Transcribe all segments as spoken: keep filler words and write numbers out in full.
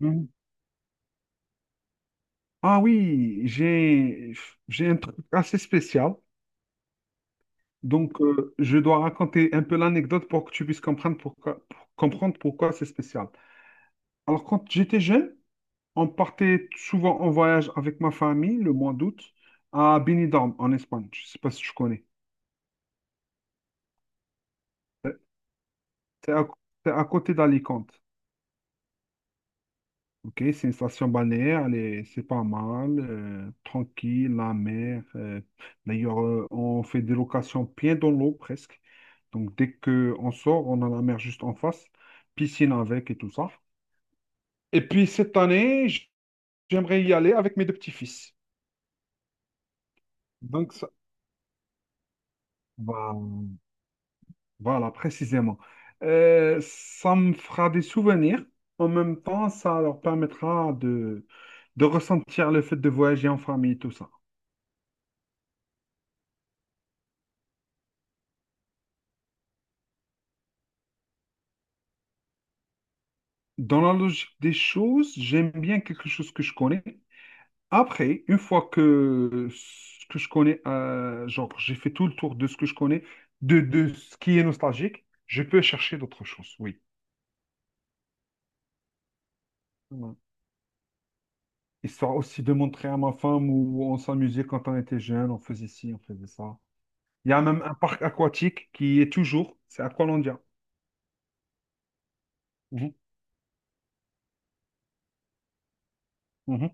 Hmm. Ah oui, j'ai j'ai un truc assez spécial. Donc, euh, je dois raconter un peu l'anecdote pour que tu puisses comprendre pourquoi, pour comprendre pourquoi c'est spécial. Alors, quand j'étais jeune, on partait souvent en voyage avec ma famille le mois d'août à Benidorm, en Espagne. Je ne sais pas si tu connais. C'est à, c'est à côté d'Alicante. Ok, c'est une station balnéaire, elle est- c'est pas mal, euh, tranquille, la mer. Euh, d'ailleurs, euh, on fait des locations bien dans l'eau presque. Donc, dès qu'on sort, on a la mer juste en face, piscine avec et tout ça. Et puis, cette année, j- j'aimerais y aller avec mes deux petits-fils. Donc, ça- voilà, voilà, précisément. Euh, ça me fera des souvenirs. En même temps, ça leur permettra de, de ressentir le fait de voyager en famille, tout ça. Dans la logique des choses, j'aime bien quelque chose que je connais. Après, une fois que ce que je connais, euh, genre j'ai fait tout le tour de ce que je connais, de, de ce qui est nostalgique, je peux chercher d'autres choses, oui. Voilà. Histoire aussi de montrer à ma femme où on s'amusait quand on était jeune, on faisait ci, on faisait ça. Il y a même un parc aquatique qui est toujours, c'est Aqualandia. Mhm, mhm,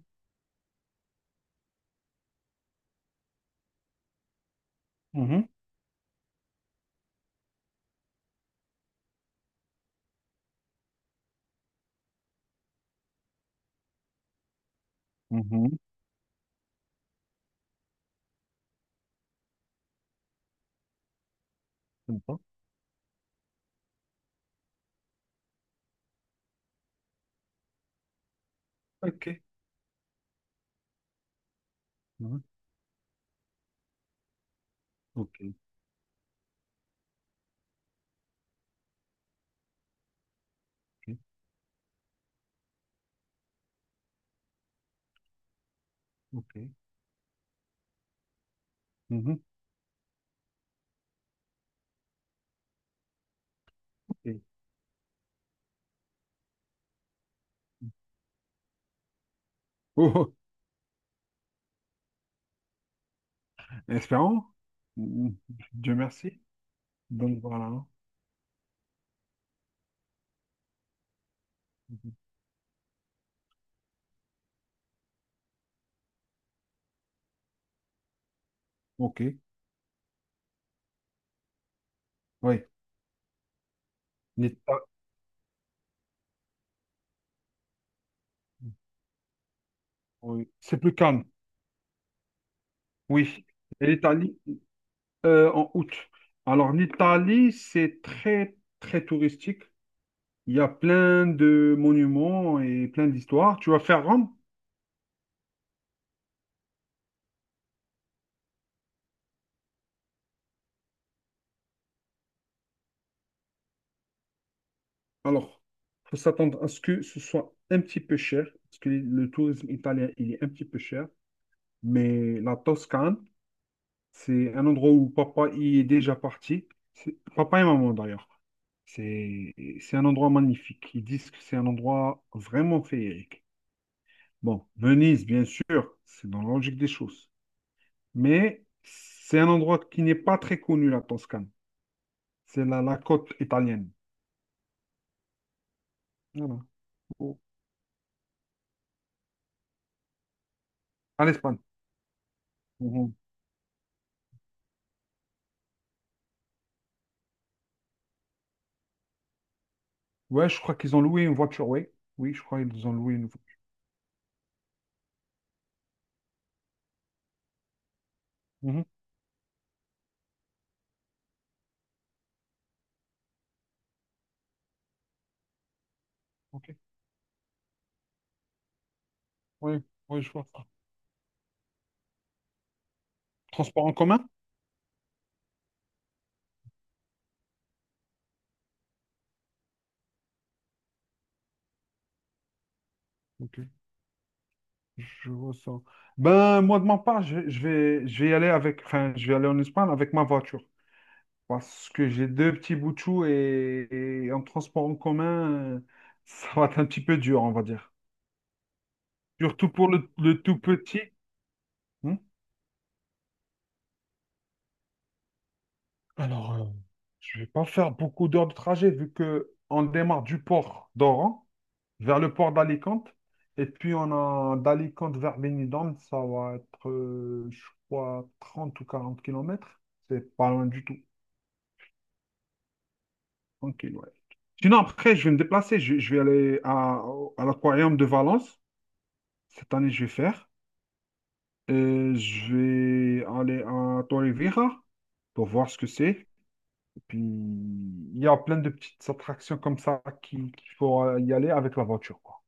mhm, mhm. Sympa. Ok. Mhm, ok, ok, ok. Mhm, ok. Oh. Espérons. Mm, Dieu merci. Donc voilà. Hein. Mhm. Ok. Oui. L'Ita- oui. C'est plus calme. Oui. Et l'Italie, euh, en août. Alors l'Italie, c'est très, très touristique. Il y a plein de monuments et plein d'histoires. Tu vas faire Rome? Alors, faut s'attendre à ce que ce soit un petit peu cher, parce que le tourisme italien, il est un petit peu cher. Mais la Toscane, c'est un endroit où papa y est déjà parti. C'est- Papa et maman d'ailleurs. C'est c'est un endroit magnifique. Ils disent que c'est un endroit vraiment féerique. Bon, Venise, bien sûr, c'est dans la logique des choses. Mais c'est un endroit qui n'est pas très connu, la Toscane. C'est la, la côte italienne. Voilà. Au- À l'Espagne. Mhm. Ouais, je crois qu'ils ont loué une voiture, oui. Oui, je crois qu'ils ont loué une voiture. Mhm. Ok. Oui, oui, je vois ça. Transport en commun? Ok. Je ressens. Ben, moi, de ma part, je, je vais, je vais y aller avec, enfin, je vais aller en Espagne avec ma voiture. Parce que j'ai deux petits bouts de chou et, et en transport en commun, euh, ça va être un petit peu dur, on va dire. Surtout pour le, le tout petit. Hmm. Alors, euh, je vais pas faire beaucoup d'heures de trajet vu que on démarre du port d'Oran vers le port d'Alicante. Et puis, on a d'Alicante vers Benidorm, ça va être, euh, je crois, trente ou quarante kilomètres. C'est pas loin du tout. Tranquille, ouais. Sinon, après, je vais me déplacer. Je, je vais aller à, à l'aquarium de Valence. Cette année, je vais faire. Euh, je vais aller à Torrevieja pour voir ce que c'est. Et puis, il y a plein de petites attractions comme ça qui- qu'il faut euh, y aller avec la voiture, quoi.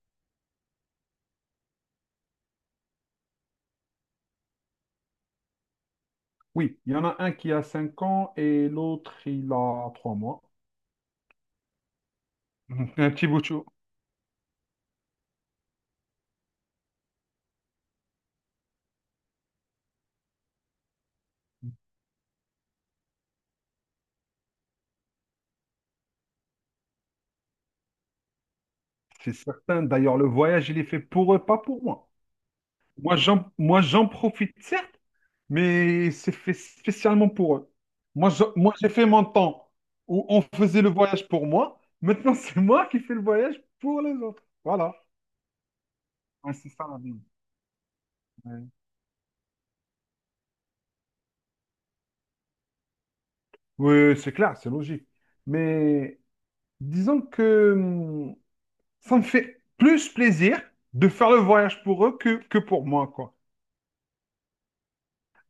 Oui, il y en a un qui a cinq ans et l'autre, il a trois mois. Un petit bout de chou. C'est certain. D'ailleurs, le voyage, il est fait pour eux, pas pour moi. Moi, j'en, moi, j'en profite, certes, mais c'est fait spécialement pour eux. Moi, je- moi, j'ai fait mon temps où on faisait le voyage pour moi. Maintenant, c'est moi qui fais le voyage pour les autres. Voilà. Ouais, c'est ça la vie. Ouais. Oui, c'est clair, c'est logique. Mais disons que hum, ça me fait plus plaisir de faire le voyage pour eux que, que pour moi, quoi.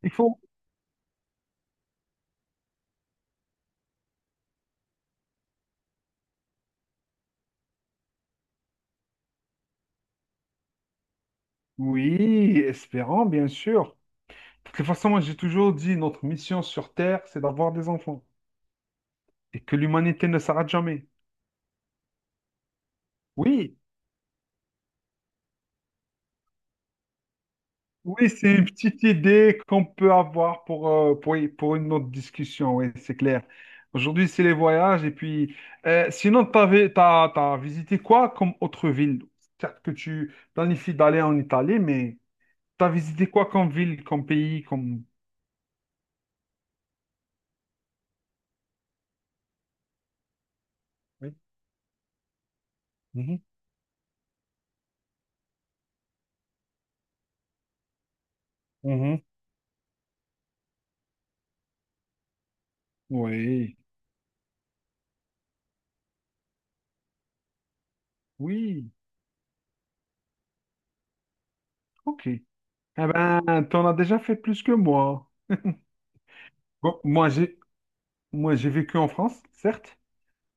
Il faut. Oui, espérant, bien sûr. De toute façon, moi, j'ai toujours dit, notre mission sur Terre, c'est d'avoir des enfants. Et que l'humanité ne s'arrête jamais. Oui, oui, c'est une petite idée qu'on peut avoir pour, euh, pour, pour une autre discussion, oui, c'est clair. Aujourd'hui, c'est les voyages, et puis, euh, sinon, t'avais, t'as, t'as visité quoi comme autre ville? Certes que tu planifies d'aller en Italie, mais t'as visité quoi comme ville, comme pays, comme... Oui. Mhm, mhm. Oui, oui, ok. Eh ben, t'en as déjà fait plus que moi. Bon, moi, j'ai moi, j'ai vécu en France, certes,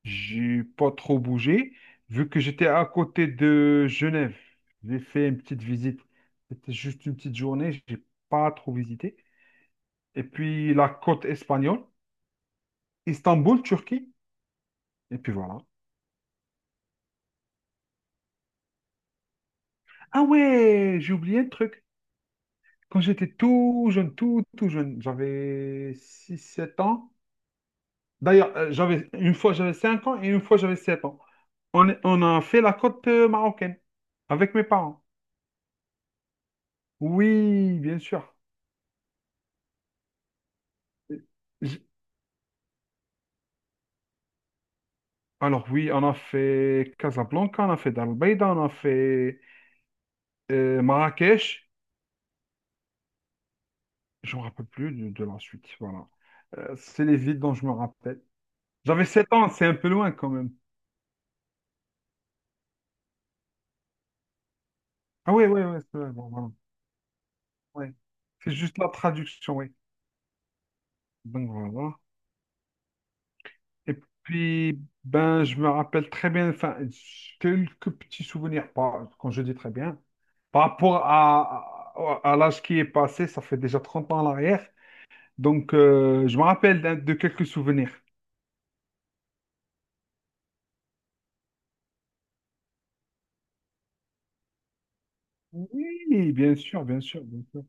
j'ai pas trop bougé, vu que j'étais à côté de Genève. J'ai fait une petite visite. C'était juste une petite journée, j'ai pas trop visité. Et puis la côte espagnole, Istanbul, Turquie. Et puis voilà. Ah ouais, j'ai oublié un truc. Quand j'étais tout jeune, tout, tout jeune, j'avais six sept ans. D'ailleurs, euh, j'avais une fois j'avais cinq ans et une fois j'avais sept ans. On, est- on a fait la côte euh, marocaine avec mes parents. Oui, bien sûr. Alors oui, on a fait Casablanca, on a fait Dalbeida, on a fait euh, Marrakech. Je me rappelle plus de, de la suite. Voilà. Euh, c'est les villes dont je me rappelle. J'avais sept ans, c'est un peu loin quand même. Ah oui, oui, oui, c'est vrai, bon, voilà. Ouais. C'est juste la traduction, oui. Donc voilà. Et puis, ben, je me rappelle très bien, enfin, quelques petits souvenirs, pas, quand je dis très bien, par rapport à, à, à l'âge qui est passé, ça fait déjà trente ans en arrière. Donc, euh, je me rappelle d'un- de quelques souvenirs. Oui, bien sûr, bien sûr, bien sûr.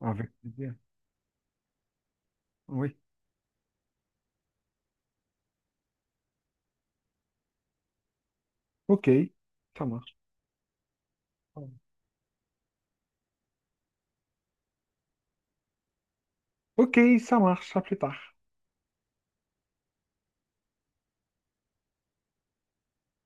Avec plaisir. Oui. Ok, ça marche. Ok, ça marche. À plus tard.